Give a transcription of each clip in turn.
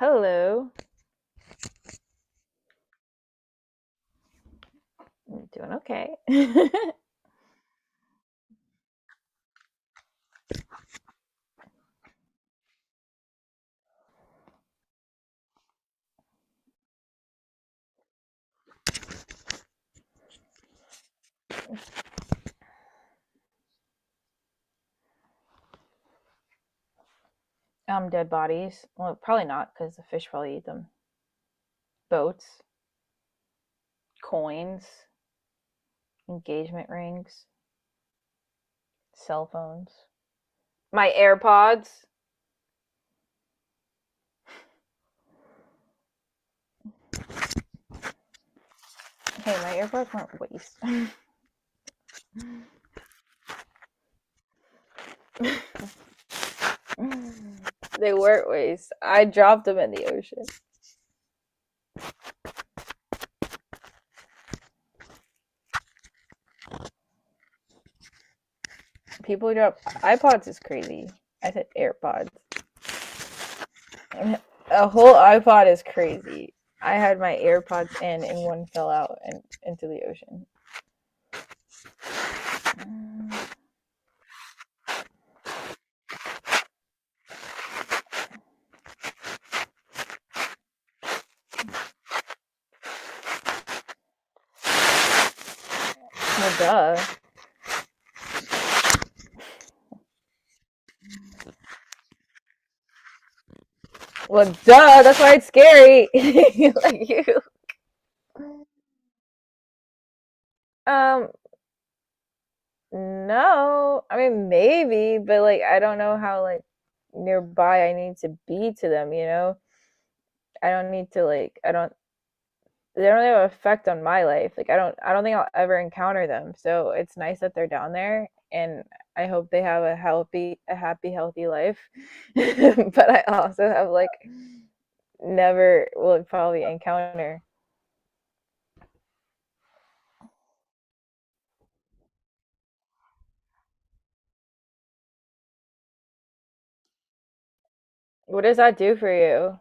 Hello. I'm doing okay. Dead bodies. Well, probably not because the fish probably eat them. Boats, coins, engagement rings, cell phones. My AirPods. Hey, my AirPods weren't waste. They weren't waste. I dropped them in the ocean. People drop iPods is crazy. I said AirPods. A whole iPod is crazy. I had my AirPods in and one fell out and into the ocean. Well, duh. Well, duh, that's why it's scary. Like you. Um, no. I mean, maybe, but like I don't know how like nearby I need to be to them, you know? I don't need to like I don't they don't really have an effect on my life. Like I don't think I'll ever encounter them. So it's nice that they're down there, and I hope they have a happy, healthy life. But I also have like never will probably encounter. What does that do for you?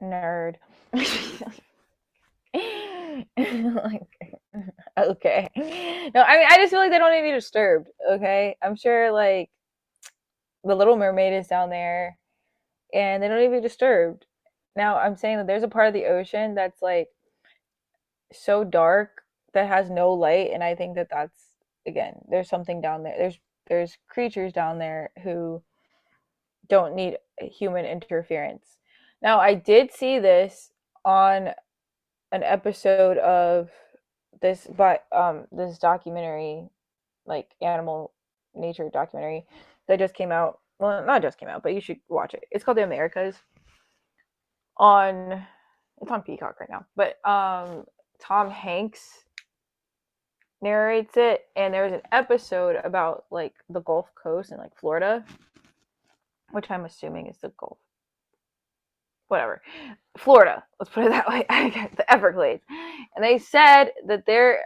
Nerd. Like, okay. No, I mean, I just feel like they don't need to be disturbed. Okay. I'm sure like the Little Mermaid is down there and they don't need to be disturbed. Now, I'm saying that there's a part of the ocean that's like so dark that has no light. And I think that that's, again, there's something down there. There's creatures down there who don't need human interference. Now, I did see this on an episode of this documentary, like animal nature documentary that just came out, well not just came out, but you should watch it. It's called The Americas. On it's on Peacock right now, but Tom Hanks narrates it, and there's an episode about like the Gulf Coast and like Florida, which I'm assuming is the Gulf, whatever. Florida, let's put it that way. The Everglades. And they said that there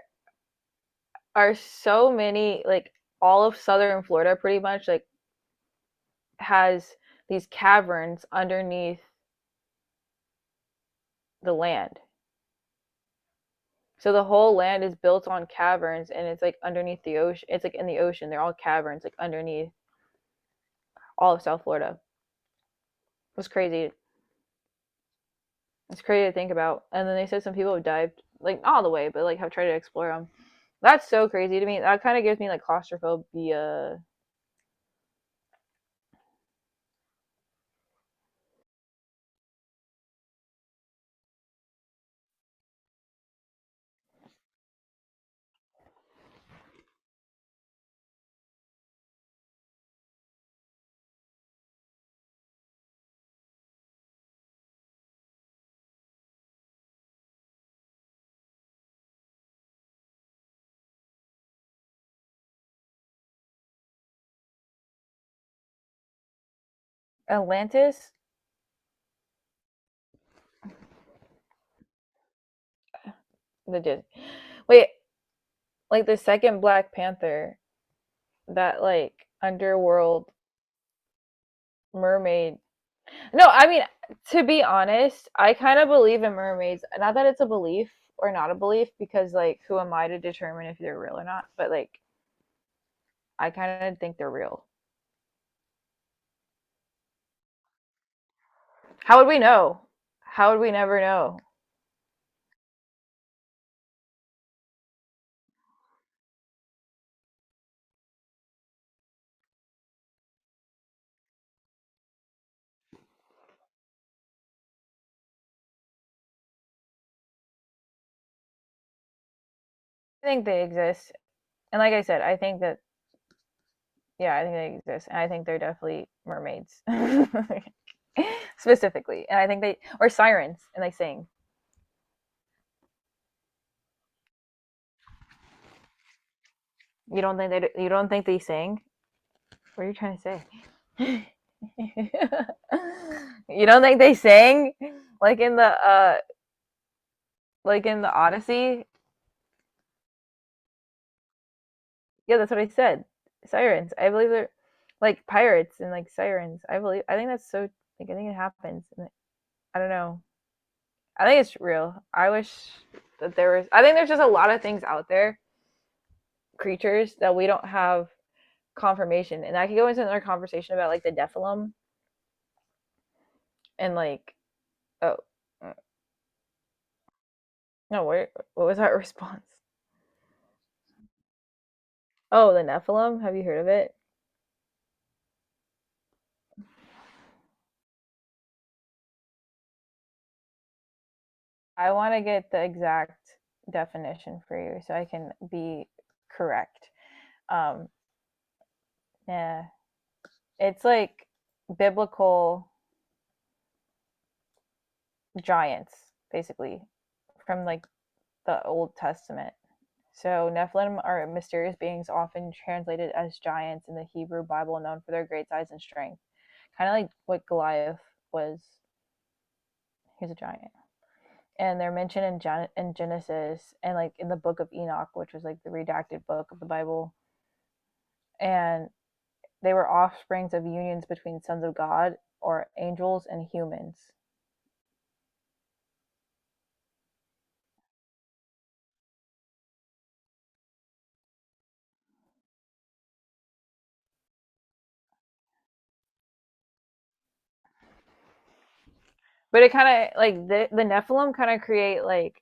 are so many like all of southern Florida pretty much like has these caverns underneath the land. So the whole land is built on caverns and it's like underneath the ocean. It's like in the ocean. They're all caverns like underneath all of South Florida. It's crazy. It's crazy to think about. And then they said some people have dived like not all the way, but like have tried to explore them. That's so crazy to me. That kind of gives me like claustrophobia. Atlantis? The Dis- wait, like the second Black Panther, that like underworld mermaid. No, I mean, to be honest, I kind of believe in mermaids. Not that it's a belief or not a belief because like who am I to determine if they're real or not? But like I kind of think they're real. How would we know? How would we never know? I think they exist. And like I said, I think that yeah, I think they exist. And I think they're definitely mermaids. Specifically. And I think they or sirens and they sing. You don't think they sing? What are you trying to say? You don't think they sang like in the like in the Odyssey? Yeah, that's what I said. Sirens. I believe they're like pirates and like sirens. I believe I think that's so like I think it happens. I don't know. I think it's real. I wish that there was I think there's just a lot of things out there, creatures that we don't have confirmation. And I could go into another conversation about like the Nephilim and like oh uh, no, wait, what was that response? Oh, the Nephilim? Have you heard of it? I want to get the exact definition for you so I can be correct. Um, yeah, it's like biblical giants, basically, from like the Old Testament. So Nephilim are mysterious beings, often translated as giants in the Hebrew Bible, known for their great size and strength, kind of like what Goliath was. He's a giant. And they're mentioned in, Gen- in Genesis and like in the Book of Enoch, which was like the redacted book of the Bible. And they were offsprings of unions between sons of God or angels and humans. But it kind of like the Nephilim kind of create like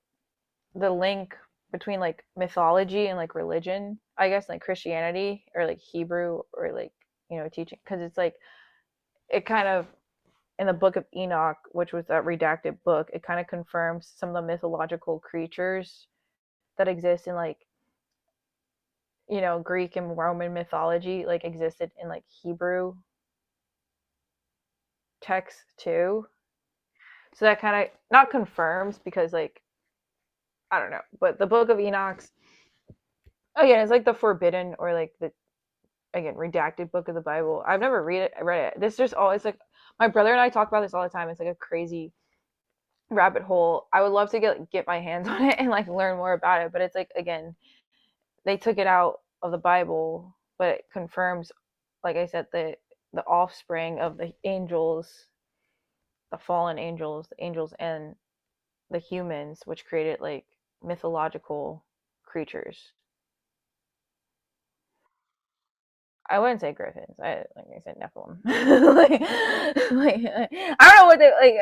the link between like mythology and like religion, I guess, like Christianity or like Hebrew or like, you know, teaching. Cause it's like, it kind of in the Book of Enoch, which was that redacted book, it kind of confirms some of the mythological creatures that exist in like you know Greek and Roman mythology like existed in like Hebrew texts too. So that kind of not confirms because like I don't know, but the Book of Enoch, again it's like the forbidden or like the again redacted book of the Bible. I've never read it I read it. This just always like my brother and I talk about this all the time. It's like a crazy rabbit hole. I would love to get like, get my hands on it and like learn more about it, but it's like again, they took it out of the Bible, but it confirms like I said, the offspring of the angels, the fallen angels, the angels and the humans, which created like mythological creatures. I wouldn't say griffins. I like I said Nephilim. like, like, I don't know what they like.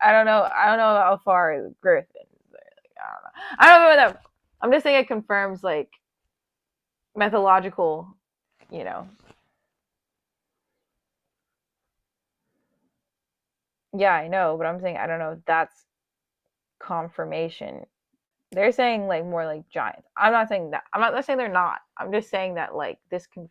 I don't know. I don't know how far griffin. I don't know. I don't know what that. I'm just saying it confirms like mythological. You know. Yeah, I know, but I'm saying I don't know if that's confirmation. They're saying like more like giants. I'm not saying that. I'm not saying they're not. I'm just saying that like this can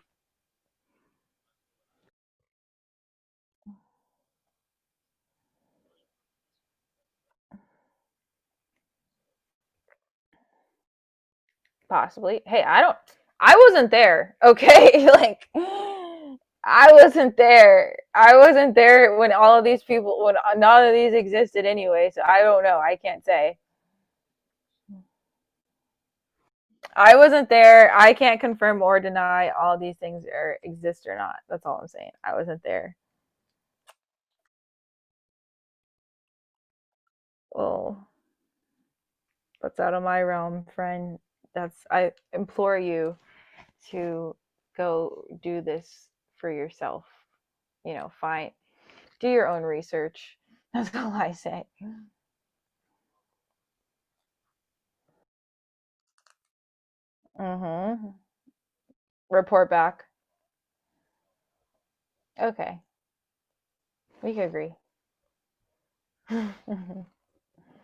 possibly. Hey, I don't. I wasn't there. Okay, like I wasn't there. I wasn't there when all of these people when none of these existed anyway. So I don't know. I can't say. I wasn't there. I can't confirm or deny all these things are exist or not. That's all I'm saying. I wasn't there. Well, that's out of my realm, friend. That's I implore you to go do this for yourself. You know, find do your own research. That's all I say. Mm-hmm. Report back. Okay, we can agree.